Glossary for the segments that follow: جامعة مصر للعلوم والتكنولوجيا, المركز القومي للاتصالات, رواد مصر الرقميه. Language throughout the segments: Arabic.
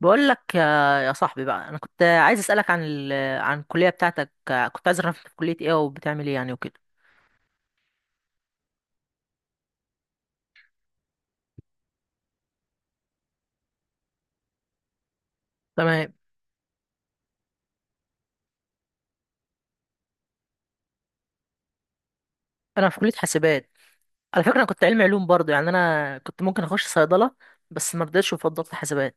بقول لك يا صاحبي بقى. انا كنت عايز اسالك عن عن الكليه بتاعتك. كنت عايز اعرف انت في كليه ايه وبتعمل ايه يعني وكده. تمام. انا في كليه حاسبات. على فكره، انا كنت علمي علوم برضه، يعني انا كنت ممكن اخش صيدله بس ما رضيتش وفضلت حاسبات.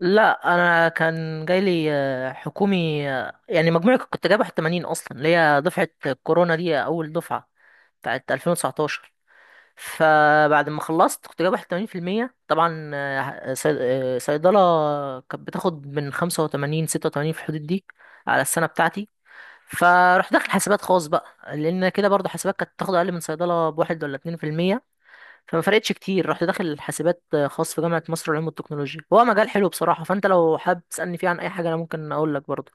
لا، انا كان جاي لي حكومي، يعني مجموعي كنت جايب 81 اصلا، اللي هي دفعه كورونا دي، اول دفعه بتاعت 2019. فبعد ما خلصت كنت جايب 81% طبعا. صيدلة كانت بتاخد من 85 86 في الحدود دي، على السنة بتاعتي. فروح داخل حاسبات خاص بقى، لأن كده برضه حاسبات كانت بتاخد أقل من صيدلة بواحد ولا 2%، فما فرقتش كتير. رحت داخل حاسبات خاص في جامعة مصر للعلوم والتكنولوجيا. هو مجال حلو بصراحة، فأنت لو حابب تسألني فيه عن أي حاجة أنا ممكن أقول لك برضه.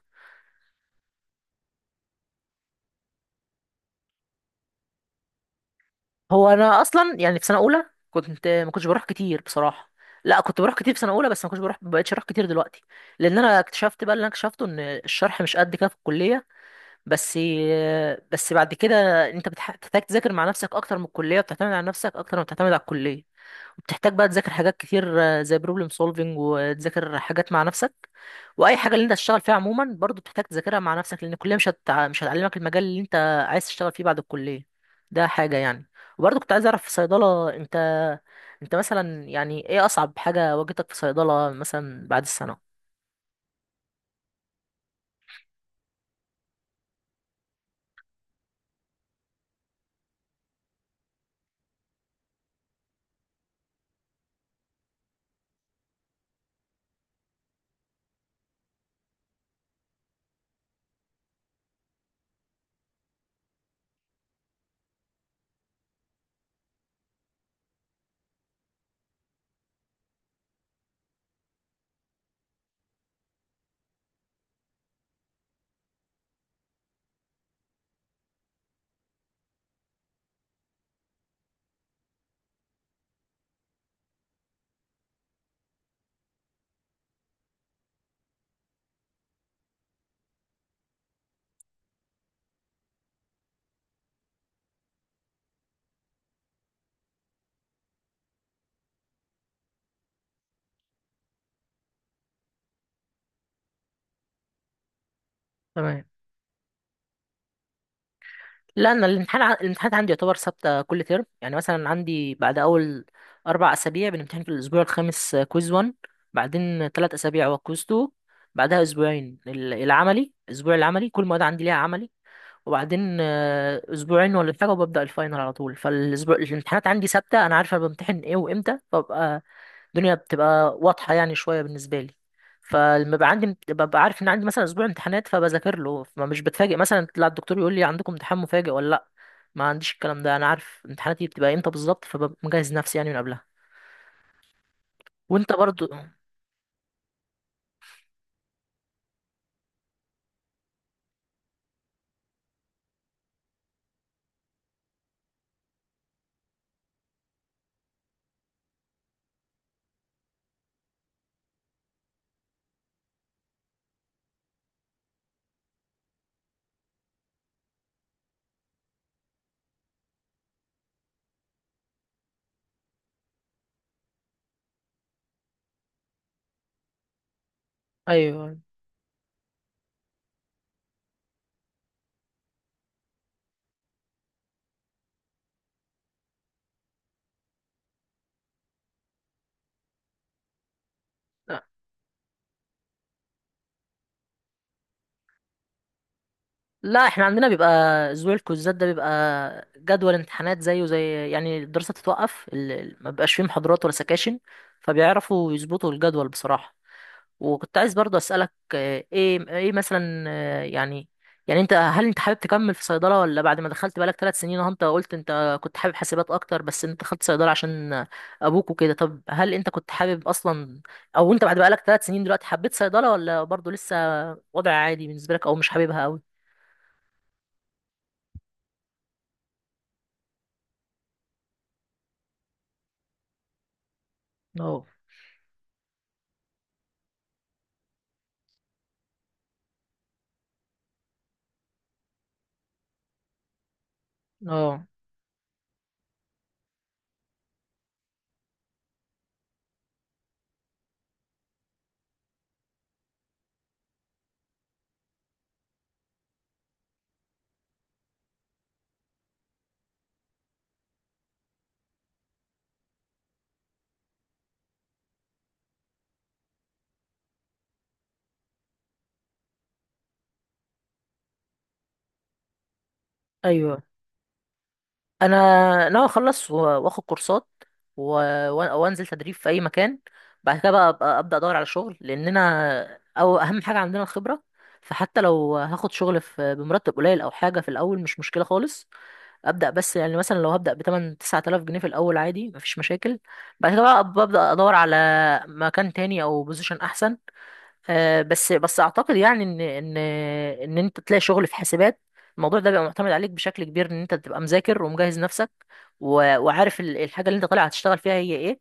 هو انا اصلا يعني في سنه اولى كنت ما كنتش بروح كتير بصراحه. لا، كنت بروح كتير في سنه اولى، بس ما كنتش بروح، ما بقتش اروح كتير دلوقتي، لان انا اكتشفت بقى، اللي انا اكتشفته ان الشرح مش قد كده في الكليه. بس بس بعد كده انت بتحتاج تذاكر مع نفسك اكتر من الكليه، وبتعتمد على نفسك اكتر ما بتعتمد على الكليه. وبتحتاج بقى تذاكر حاجات كتير، زي بروبلم سولفنج، وتذاكر حاجات مع نفسك. واي حاجه اللي انت تشتغل فيها عموما برضو بتحتاج تذاكرها مع نفسك، لان الكليه مش هتعلمك المجال اللي انت عايز تشتغل فيه بعد الكليه. ده حاجه يعني. وبرضو كنت عايز اعرف في صيدله، انت مثلا، يعني ايه اصعب حاجه واجهتك في صيدله مثلا بعد السنه؟ تمام. لا، انا الامتحانات عندي يعتبر ثابته كل ترم. يعني مثلا عندي بعد اول اربع اسابيع بنمتحن في الاسبوع الخامس كويز 1، بعدين ثلاث اسابيع هو كويز 2، بعدها اسبوعين العملي، اسبوع العملي، كل مواد عندي ليها عملي. وبعدين اسبوعين ولا حاجه وببدا الفاينل على طول. فالاسبوع الامتحانات عندي ثابته، انا عارف انا بمتحن ايه وامتى، فببقى الدنيا بتبقى واضحة يعني شوية بالنسبة لي. فلما ببقى عندي، ببقى عارف ان عندي مثلا اسبوع امتحانات فبذاكر له، فمش بتفاجئ مثلا لا الدكتور يقول لي عندكم امتحان مفاجئ ولا لا. ما عنديش الكلام ده، انا عارف امتحاناتي بتبقى امتى بالظبط، فببقى مجهز نفسي يعني من قبلها. وانت برضو؟ ايوه. لا، احنا عندنا بيبقى اسبوع الكوزات ده، بيبقى جدول امتحانات زيه زي، يعني الدراسة تتوقف، ما بيبقاش فيه محاضرات ولا سكاشن. فبيعرفوا يظبطوا الجدول بصراحة. وكنت عايز برضو اسالك ايه ايه مثلا، يعني يعني انت هل انت حابب تكمل في صيدله، ولا بعد ما دخلت بقالك ثلاث سنين اهو، انت قلت انت كنت حابب حاسبات اكتر بس انت دخلت صيدله عشان ابوك وكده. طب هل انت كنت حابب اصلا، او انت بعد بقالك ثلاث سنين دلوقتي حبيت صيدله، ولا برضو لسه وضع عادي بالنسبه لك او مش حاببها قوي؟ اه. اه. ايوه. انا ناوي اخلص واخد كورسات، وانزل تدريب في اي مكان. بعد كده بقى أبقى ابدا ادور على شغل، لاننا او اهم حاجه عندنا الخبره. فحتى لو هاخد شغل في بمرتب قليل او حاجه في الاول مش مشكله خالص ابدا. بس يعني مثلا لو هبدا ب 8 9000 جنيه في الاول عادي، مفيش مشاكل. بعد كده بقى ببدا ادور على مكان تاني او بوزيشن احسن. بس بس اعتقد يعني ان ان انت تلاقي شغل في حاسبات، الموضوع ده بيبقى معتمد عليك بشكل كبير، ان انت تبقى مذاكر ومجهز نفسك وعارف الحاجه اللي انت طالع هتشتغل فيها هي ايه.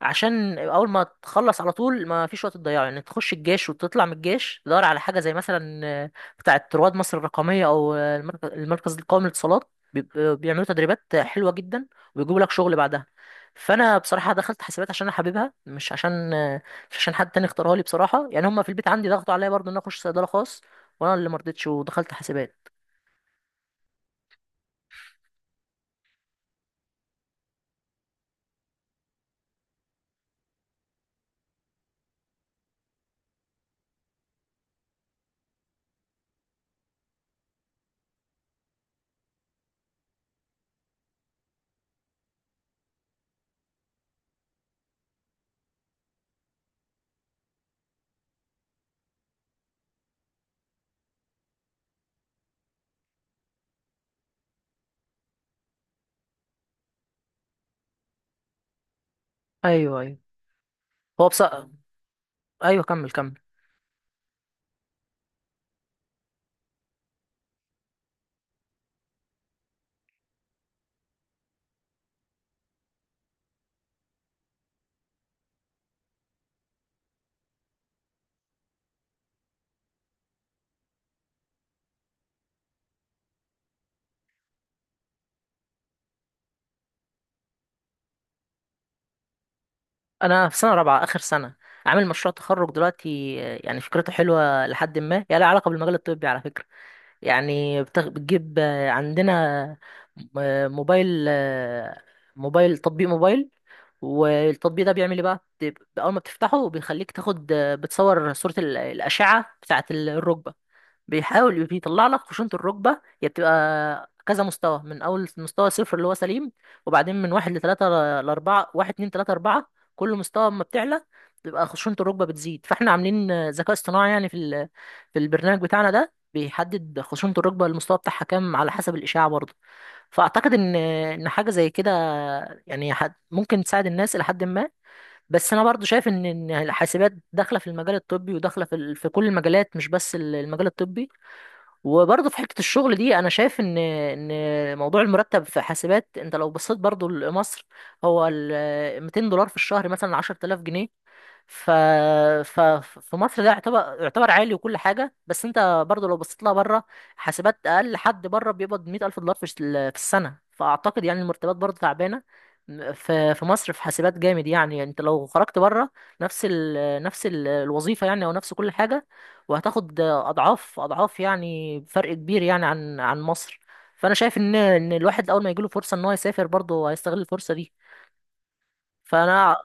عشان اول ما تخلص على طول ما فيش وقت تضيعه، يعني تخش الجيش وتطلع من الجيش تدور على حاجه زي مثلا بتاعه رواد مصر الرقميه، او المركز القومي للاتصالات. بيعملوا تدريبات حلوه جدا، وبيجيبوا لك شغل بعدها. فانا بصراحه دخلت حسابات عشان انا حاببها، مش عشان مش عشان حد تاني اختارها لي بصراحه. يعني هم في البيت عندي ضغطوا عليا برضه ان أنا اخش صيدله خاص، وانا اللي مرضتش ودخلت حسابات. ايوه، ايوه. هو بص. ايوه، كمل كمل. انا في سنه رابعه، اخر سنه. عامل مشروع تخرج دلوقتي، يعني فكرته حلوه لحد ما، يعني لها علاقه بالمجال الطبي على فكره. يعني بتجيب عندنا موبايل، موبايل تطبيق موبايل. والتطبيق ده بيعمل ايه بقى؟ اول ما بتفتحه بيخليك تاخد، بتصور صوره الاشعه بتاعه الركبه. بيحاول بيطلع لك خشونة الركبة. هي بتبقى كذا مستوى، من أول مستوى صفر اللي هو سليم، وبعدين من واحد لتلاتة لأربعة: واحد، اتنين، تلاتة، أربعة. كل مستوى أما بتعلى، بتبقى خشونة الركبة بتزيد. فاحنا عاملين ذكاء اصطناعي يعني في البرنامج بتاعنا ده، بيحدد خشونة الركبة المستوى بتاعها كام على حسب الإشاعة برضه. فأعتقد إن حاجة زي كده يعني، حد ممكن تساعد الناس إلى حد ما. بس أنا برضه شايف إن الحاسبات داخلة في المجال الطبي، وداخلة في كل المجالات، مش بس المجال الطبي. وبرضه في حته الشغل دي، انا شايف ان موضوع المرتب في حاسبات، انت لو بصيت برضه لمصر، هو ال 200 دولار في الشهر مثلا 10,000 جنيه. ف... ف... في مصر ده يعتبر يعتبر عالي وكل حاجة. بس انت برضو لو بصيت لها بره، حاسبات اقل حد بره بيقبض مئة ألف دولار في السنة. فأعتقد يعني المرتبات برضو تعبانة في مصر. في حاسبات جامد يعني، يعني انت لو خرجت بره، الوظيفة يعني، او نفس كل حاجة، وهتاخد اضعاف اضعاف يعني فرق كبير يعني عن مصر. فانا شايف ان الواحد اول ما يجيله فرصة ان هو يسافر برضه هيستغل الفرصة دي. فانا.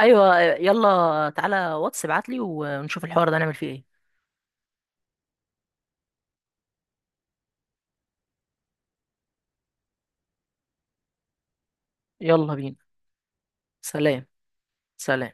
ايوه، يلا تعالى واتس ابعت لي، ونشوف الحوار ده نعمل فيه ايه. يلا بينا. سلام. سلام.